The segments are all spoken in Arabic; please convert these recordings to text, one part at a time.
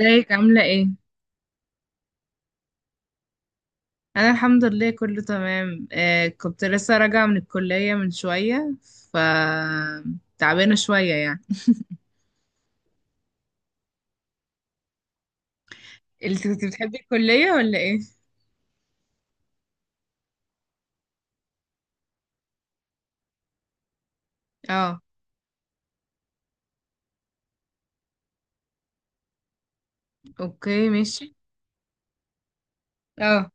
ازيك؟ عاملة ايه؟ أنا الحمد لله كله تمام. آه، كنت لسه راجعة من الكلية من شوية. ف تعبانة شوية يعني. انت كنت بتحبي الكلية ولا ايه؟ اه، اوكي ماشي. اه،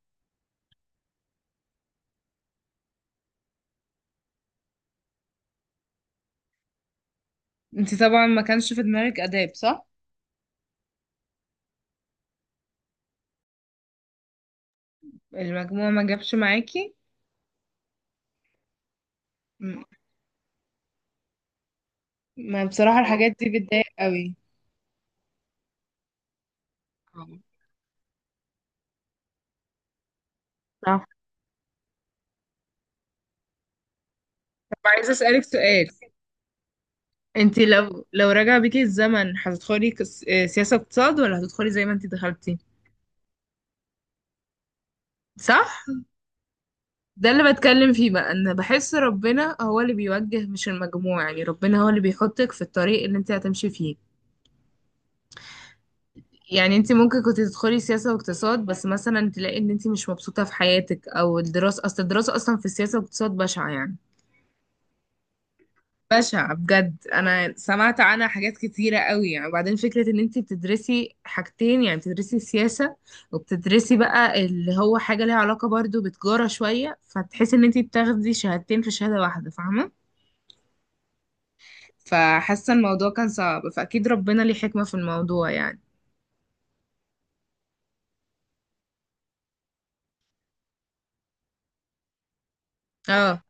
انت طبعا ما كانش في دماغك آداب صح؟ المجموع ما جابش معاكي؟ م- ما بصراحة الحاجات دي بتضايق قوي. صح. طب عايزة أسألك سؤال. انت لو رجع بيكي الزمن هتدخلي سياسة اقتصاد، ولا هتدخلي زي ما انت دخلتي؟ صح؟ ده اللي بتكلم فيه بقى، ان بحس ربنا هو اللي بيوجه مش المجموع، يعني ربنا هو اللي بيحطك في الطريق اللي انت هتمشي فيه. يعني انت ممكن كنت تدخلي سياسة واقتصاد، بس مثلا تلاقي ان انت مش مبسوطة في حياتك، او الدراسة، اصل الدراسة اصلا في السياسة والاقتصاد بشعة يعني. بشعة بجد، انا سمعت عنها حاجات كتيرة قوي يعني. وبعدين فكرة ان انت بتدرسي حاجتين، يعني بتدرسي السياسة وبتدرسي بقى اللي هو حاجة ليها علاقة برضو بتجارة شوية، فتحسي ان انت بتاخدي شهادتين في شهادة واحدة، فاهمة؟ فحاسة الموضوع كان صعب، فأكيد ربنا ليه حكمة في الموضوع يعني. اه.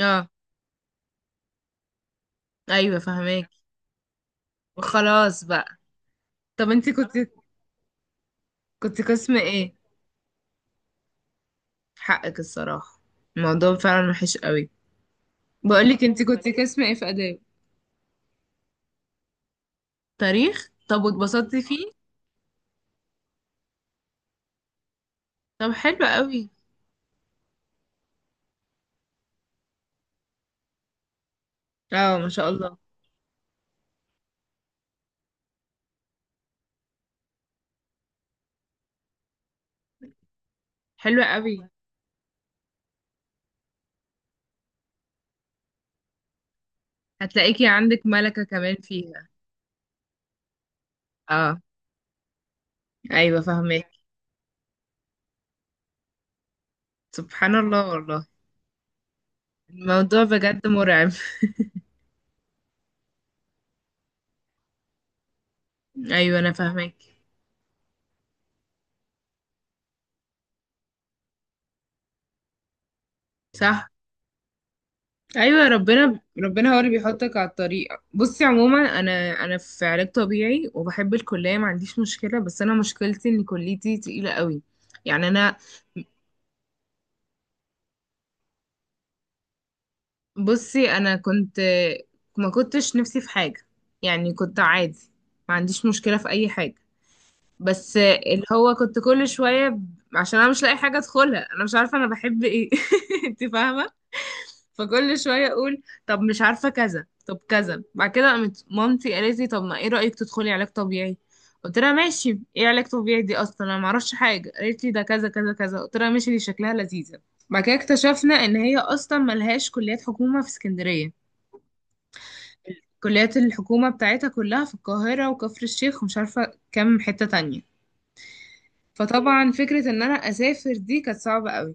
اه، ايوه فهماك. خلاص بقى. طب انت كنت، قسم ايه؟ حقك الصراحة، الموضوع فعلا وحش قوي. بقولك انت كنت قسم ايه في آداب؟ تاريخ؟ طب واتبسطتي فيه؟ طب حلو قوي. اه، ما شاء الله. حلو قوي. هتلاقيكي عندك ملكة كمان فيها. اه، ايوه فهماك. سبحان الله والله. الموضوع بجد مرعب. ايوه انا فهماك. صح. ايوه، ربنا هو اللي بيحطك على الطريق. بصي عموما، انا في علاج طبيعي وبحب الكليه، ما عنديش مشكله، بس انا مشكلتي ان كليتي تقيله قوي. يعني انا، بصي انا كنت، ما كنتش نفسي في حاجه، يعني كنت عادي، ما عنديش مشكله في اي حاجه، بس اللي هو كنت كل شويه عشان انا مش لاقي حاجه ادخلها، انا مش عارفه انا بحب ايه. انت فاهمه. فكل شوية اقول طب مش عارفة كذا، طب كذا. بعد كده قامت مامتي قالت لي، طب ما ايه رأيك تدخلي علاج طبيعي؟ قلت لها ماشي، ايه علاج طبيعي دي اصلا، انا معرفش حاجة. قالت لي ده كذا كذا كذا، قلت لها ماشي، دي شكلها لذيذة. بعد كده اكتشفنا ان هي اصلا ملهاش كليات حكومة في اسكندرية. كليات الحكومة بتاعتها كلها في القاهرة وكفر الشيخ ومش عارفة كام حتة تانية. فطبعا فكرة ان انا اسافر دي كانت صعبة قوي.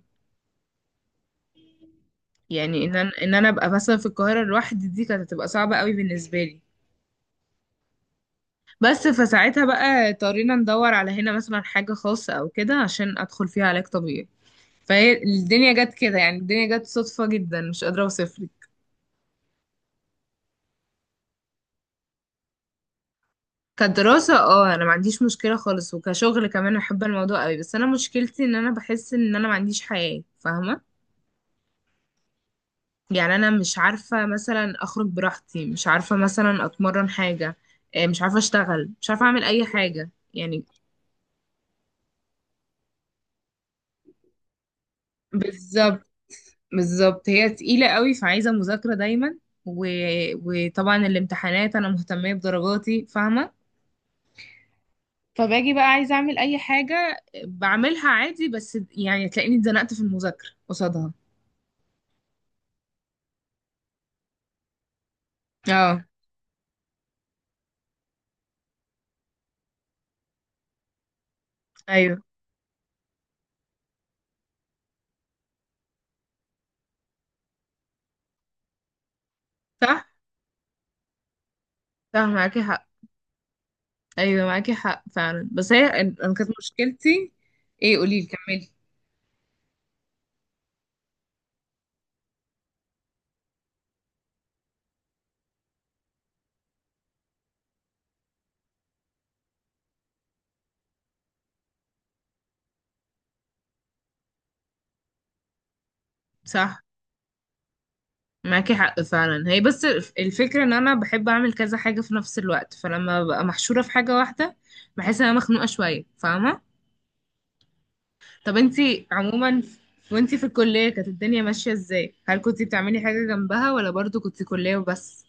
يعني ان انا، ابقى مثلا في القاهرة لوحدي دي كانت هتبقى صعبة قوي بالنسبة لي. بس فساعتها بقى اضطرينا ندور على هنا مثلا حاجة خاصة أو كده عشان أدخل فيها علاج طبيعي. فهي الدنيا جت كده يعني، الدنيا جت صدفة جدا مش قادرة أوصفلك. كدراسة اه أنا ما عنديش مشكلة خالص، وكشغل كمان أحب الموضوع قوي، بس أنا مشكلتي إن أنا بحس إن أنا ما عنديش حياة، فاهمة؟ يعني أنا مش عارفة مثلا أخرج براحتي، مش عارفة مثلا أتمرن حاجة، مش عارفة أشتغل، مش عارفة أعمل أي حاجة يعني. بالظبط. بالظبط هي تقيلة قوي، فعايزة مذاكرة دايما. و... وطبعا الامتحانات أنا مهتمية بدرجاتي، فاهمة؟ فباجي بقى عايزة أعمل أي حاجة بعملها عادي، بس يعني تلاقيني اتزنقت في المذاكرة قصادها. اه. أيوه. صح صح معاكي حق. أيوه معاكي حق فعلا، بس هي أنا كانت مشكلتي، ايه قوليلي كملي. صح معاكي حق فعلا. هي بس الفكرة ان انا بحب اعمل كذا حاجة في نفس الوقت، فلما ببقى محشورة في حاجة واحدة بحس ان انا مخنوقة شوية، فاهمة؟ طب انتي عموما، وانتي في الكلية كانت الدنيا ماشية ازاي؟ هل كنتي بتعملي حاجة جنبها ولا برضو كنتي كلية وبس؟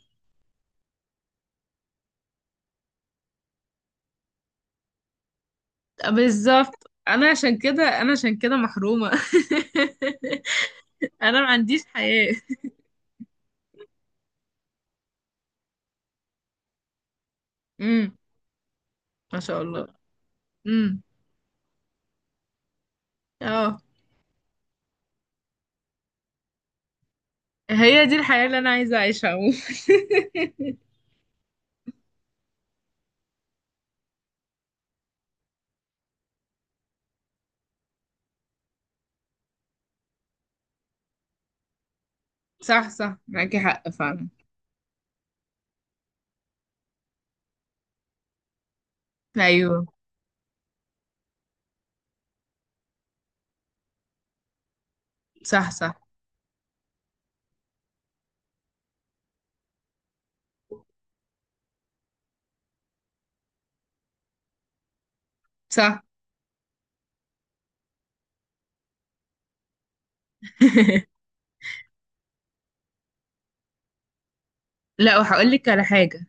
بالظبط، انا عشان كده، انا عشان كده محرومة. انا ما عنديش حياة. امم. ما شاء الله. امم. اه، هي دي الحياة اللي انا عايزة اعيشها عموما. صح صح معاكي حق فعلا. ايوه. صح. صح. صح. لا، وهقول لك على حاجة.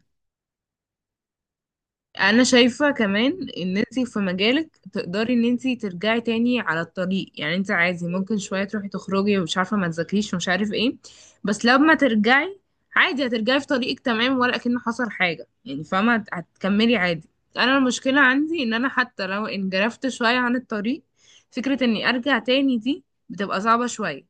انا شايفة كمان ان انت في مجالك تقدري ان انت ترجعي تاني على الطريق، يعني انت عادي ممكن شوية تروحي تخرجي ومش عارفة ما تذاكريش ومش عارف ايه، بس لما ترجعي عادي هترجعي في طريقك تمام ولا كأن حصل حاجة يعني، فاهمة؟ هتكملي عادي. انا المشكلة عندي ان انا حتى لو انجرفت شوية عن الطريق، فكرة اني ارجع تاني دي بتبقى صعبة شوية.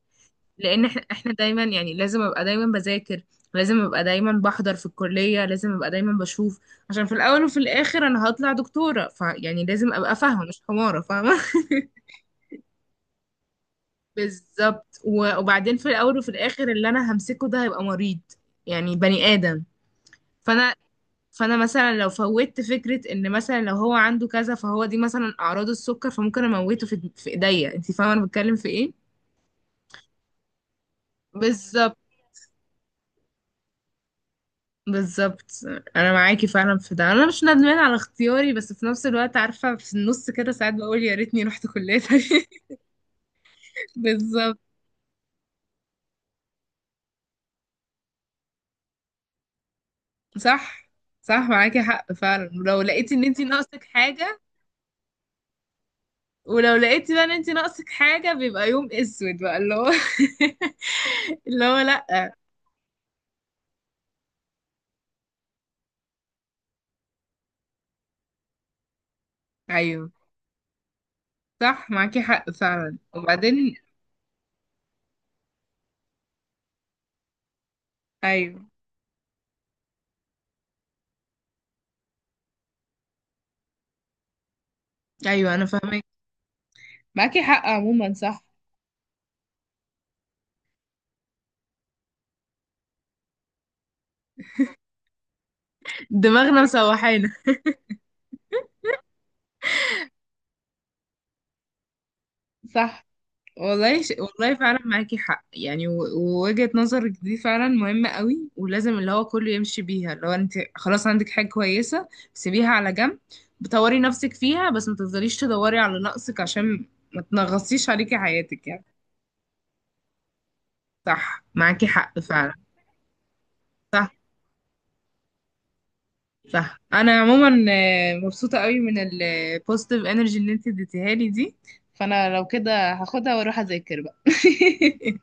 لان احنا، دايما يعني لازم ابقى دايما بذاكر، لازم ابقى دايما بحضر في الكلية، لازم ابقى دايما بشوف، عشان في الاول وفي الاخر انا هطلع دكتورة، فيعني لازم ابقى فاهمة مش حمارة، فاهمة؟ بالظبط. وبعدين في الاول وفي الاخر اللي انا همسكه ده هيبقى مريض، يعني بني ادم. فانا، فانا مثلا لو فوتت فكره ان مثلا لو هو عنده كذا، فهو دي مثلا اعراض السكر، فممكن اموته في ايديا. انت فاهمه انا بتكلم في ايه؟ بالظبط. بالظبط. انا معاكي فعلا في ده، انا مش ندمان على اختياري، بس في نفس الوقت عارفه في النص كده ساعات بقول يا ريتني رحت كليه تانية. بالظبط. صح صح معاكي حق فعلا. ولو لقيتي ان انتي ناقصك حاجه، ولو لقيتي بقى ان انتي ناقصك حاجه، بيبقى يوم اسود بقى، اللي هو اللي هو لا. ايوه صح معاكي حق فعلا. وبعدين ايوه. ايوه انا فاهمك. معاكي حق عموما صح. دماغنا مسوحانا. صح والله. والله فعلا معاكي حق يعني. ووجهة نظرك دي فعلا مهمة قوي، ولازم اللي هو كله يمشي بيها، اللي هو انت خلاص عندك حاجة كويسة، سيبيها على جنب، بطوري نفسك فيها، بس ما تفضليش تدوري على نقصك عشان ما تنغصيش عليكي حياتك يعني. صح معاكي حق فعلا. صح صح. انا عموما مبسوطة قوي من البوزيتيف انرجي اللي انت اديتيها لي دي، فانا لو كده هاخدها واروح اذاكر بقى.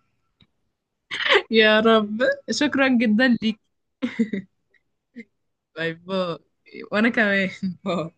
يا رب. شكرا جدا ليكي. باي باي. وانا كمان. باي.